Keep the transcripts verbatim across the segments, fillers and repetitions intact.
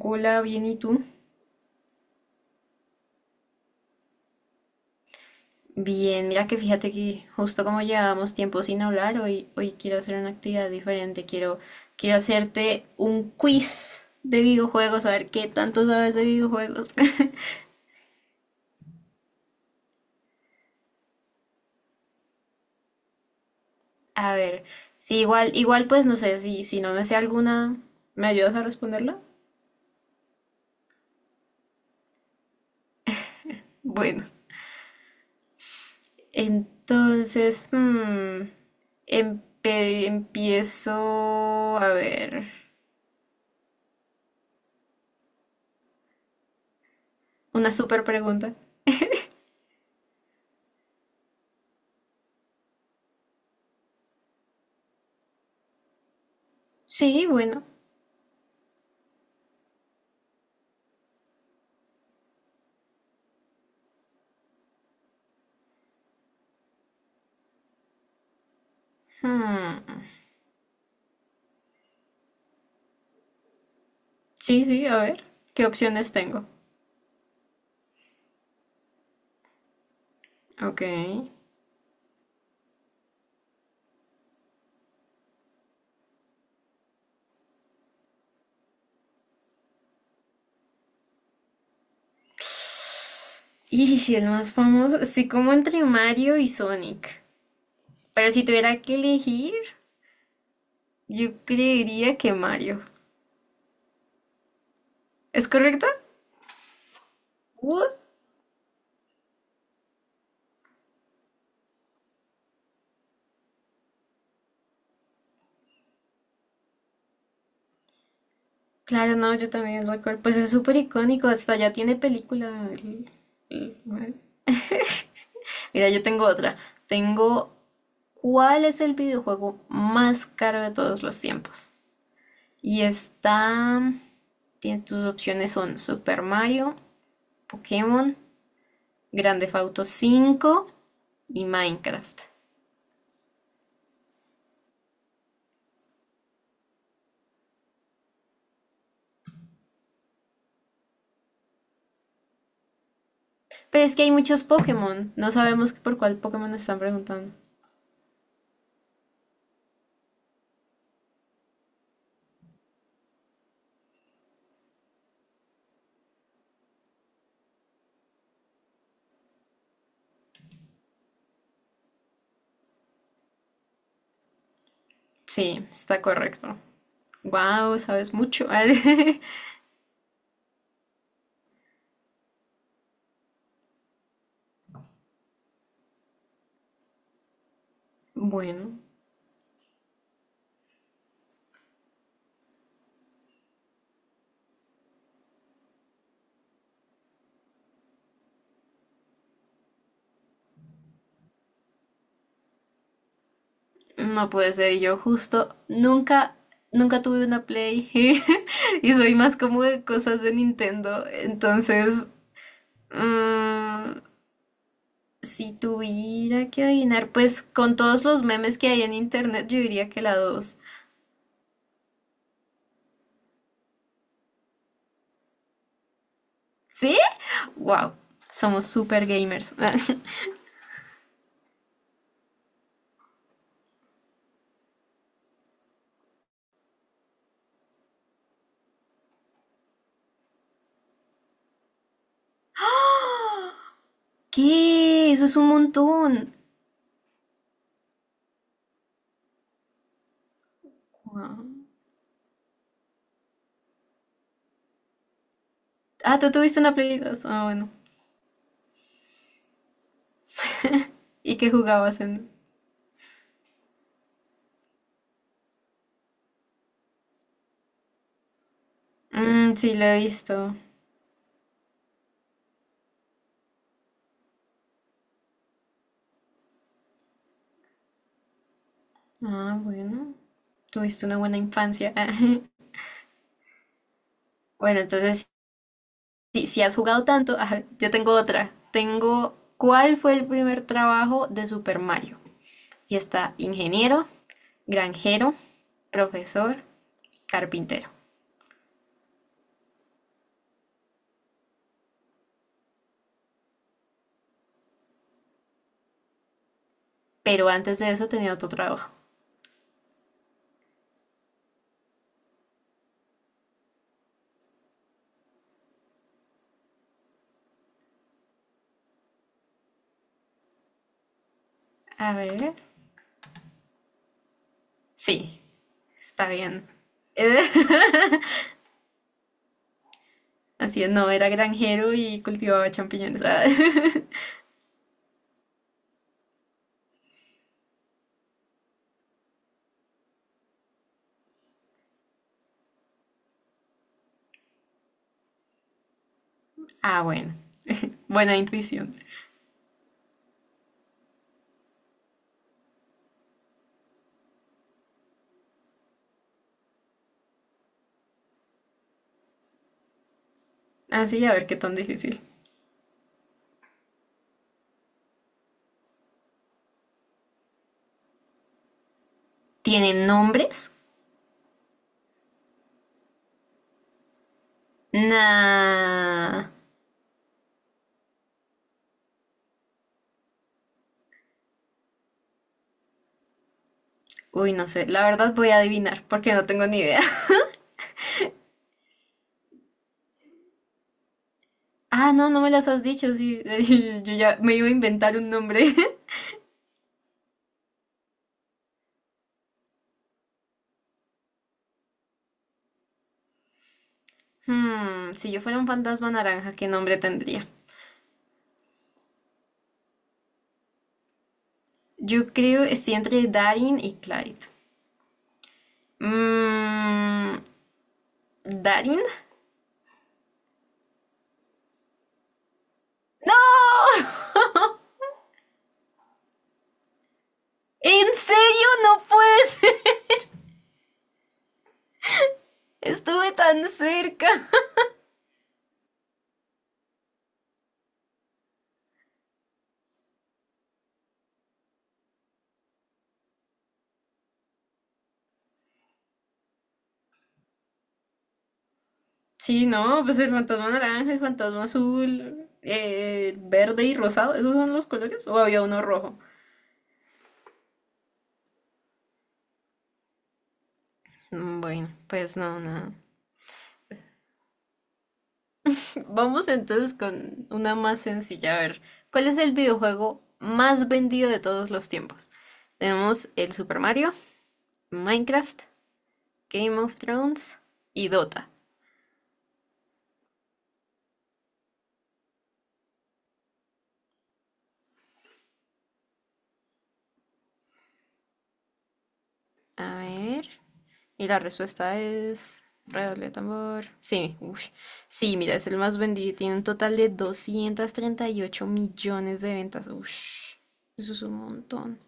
Hola, bien, ¿y tú? Bien, mira que fíjate que justo como llevábamos tiempo sin hablar, hoy, hoy quiero hacer una actividad diferente. Quiero, quiero hacerte un quiz de videojuegos, a ver qué tanto sabes de videojuegos. A ver, sí, igual, igual pues no sé, si, si no me sé alguna, ¿me ayudas a responderla? Bueno, entonces, hmm, empe- empiezo a ver. Una super pregunta. Sí, bueno. Hmm. Sí, sí, a ver, ¿qué opciones tengo? Ok. Y si el más famoso, sí, como entre Mario y Sonic. Pero si tuviera que elegir, yo creería que Mario. ¿Es correcto? What? Claro, no, yo también recuerdo. Pues es súper icónico, hasta ya tiene película. El- el Mario. Mira, yo tengo otra. Tengo, ¿cuál es el videojuego más caro de todos los tiempos? Y está, tiene tus opciones son Super Mario, Pokémon, Grand Theft Auto cinco y Minecraft. Pero es que hay muchos Pokémon. No sabemos por cuál Pokémon nos están preguntando. Sí, está correcto. Wow, sabes mucho. Bueno, no puede ser. Yo justo nunca, nunca tuve una Play. Y soy más como de cosas de Nintendo. Entonces, mm, si tuviera que adivinar, pues con todos los memes que hay en internet, yo diría que la dos. ¿Sí? Wow, somos super gamers. ¿Qué? Eso es un montón. Guau. Ah, tú tuviste una Play dos. Ah, bueno. ¿Y qué jugabas en? Mm, sí, lo he visto. Ah, bueno. Tuviste una buena infancia. Bueno, entonces, si, si has jugado tanto, ajá, yo tengo otra. Tengo, ¿cuál fue el primer trabajo de Super Mario? Y está ingeniero, granjero, profesor, carpintero. Pero antes de eso tenía otro trabajo. A ver. Sí, está bien. Eh, Así es, no, era granjero y cultivaba champiñones. Ah, ah, bueno. Buena intuición. Así, a ver qué tan difícil. ¿Tienen nombres? Nah. Uy, no sé. La verdad voy a adivinar porque no tengo ni idea. Ah, no, no me las has dicho. Sí, yo ya me iba a inventar un nombre. Hmm, si yo fuera un fantasma naranja, ¿qué nombre tendría? Yo creo estoy entre Darin y Clyde. Mmm. ¿Darin? ¡No! ¿En serio? No puedes. Estuve tan cerca. Sí, no, pues el fantasma naranja, el fantasma azul, eh, verde y rosado, ¿esos son los colores? ¿O había uno rojo? Mm, bueno, pues no, nada. Vamos entonces con una más sencilla. A ver, ¿cuál es el videojuego más vendido de todos los tiempos? Tenemos el Super Mario, Minecraft, Game of Thrones y Dota. A ver. Y la respuesta es... Redoble de tambor. Sí, ush. Sí, mira, es el más vendido. Tiene un total de doscientos treinta y ocho millones de ventas. Ush. Eso es un montón.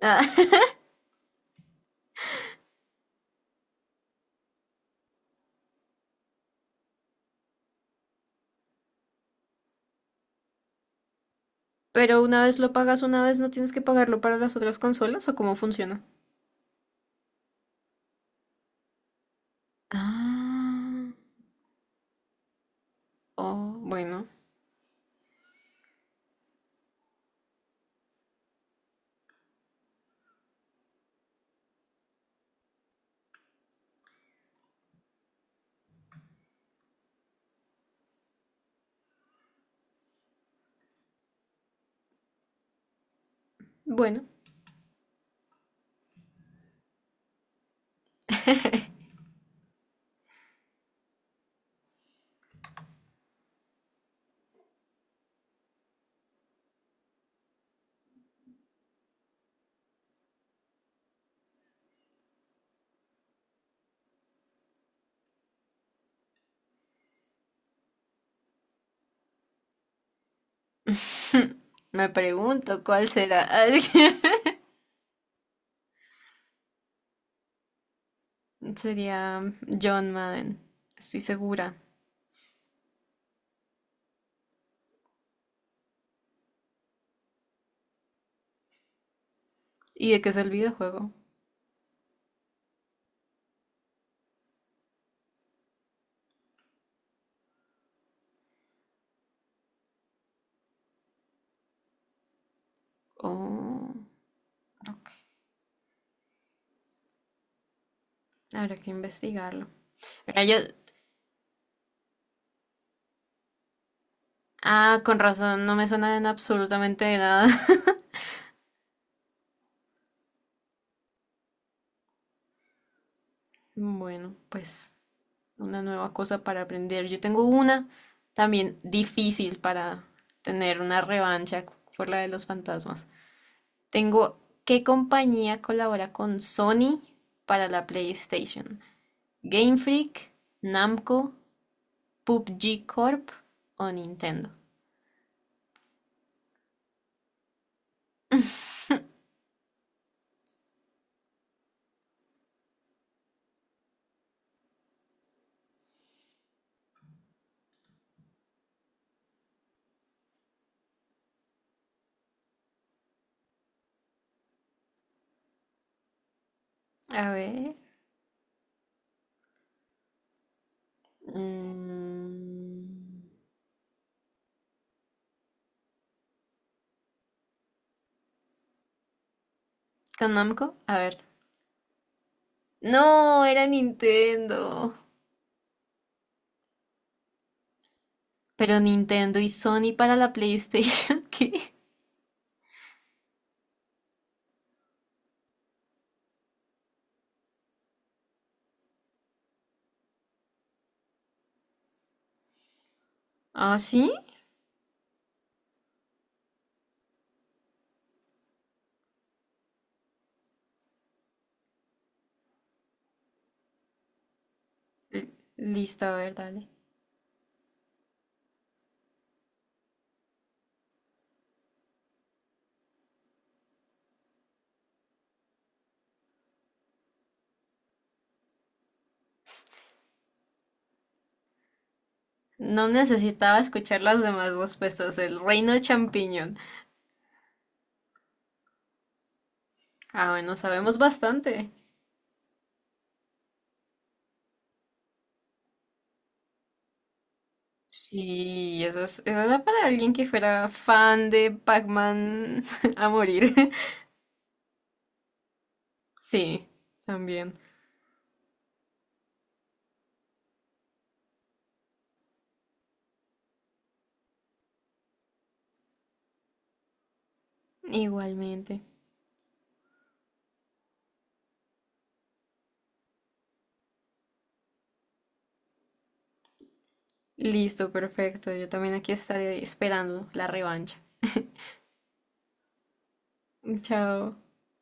Ah, pero una vez lo pagas, una vez no tienes que pagarlo para las otras consolas o cómo funciona. Ah. Oh, bueno. Bueno. Me pregunto cuál será. Sería John Madden. Estoy segura. ¿Y de qué es el videojuego? Oh, ok. Habrá que investigarlo. Mira, yo... Ah, con razón, no me suena en absolutamente de nada. Bueno, pues una nueva cosa para aprender. Yo tengo una también difícil para tener una revancha por la de los fantasmas. Tengo, ¿qué compañía colabora con Sony para la PlayStation? ¿Game Freak, Namco, P U B G Corp o Nintendo? A ver. Mm, ¿con Namco? A ver. No, era Nintendo. Pero Nintendo y Sony para la PlayStation, ¿qué? ¿Ah, sí? L- Listo, a ver, dale. No necesitaba escuchar las demás respuestas. El reino champiñón. Ah, bueno, sabemos bastante. Sí, esa, es- esa era para alguien que fuera fan de Pac-Man a morir. Sí, también. Igualmente. Listo, perfecto. Yo también aquí estaré esperando la revancha. Chao.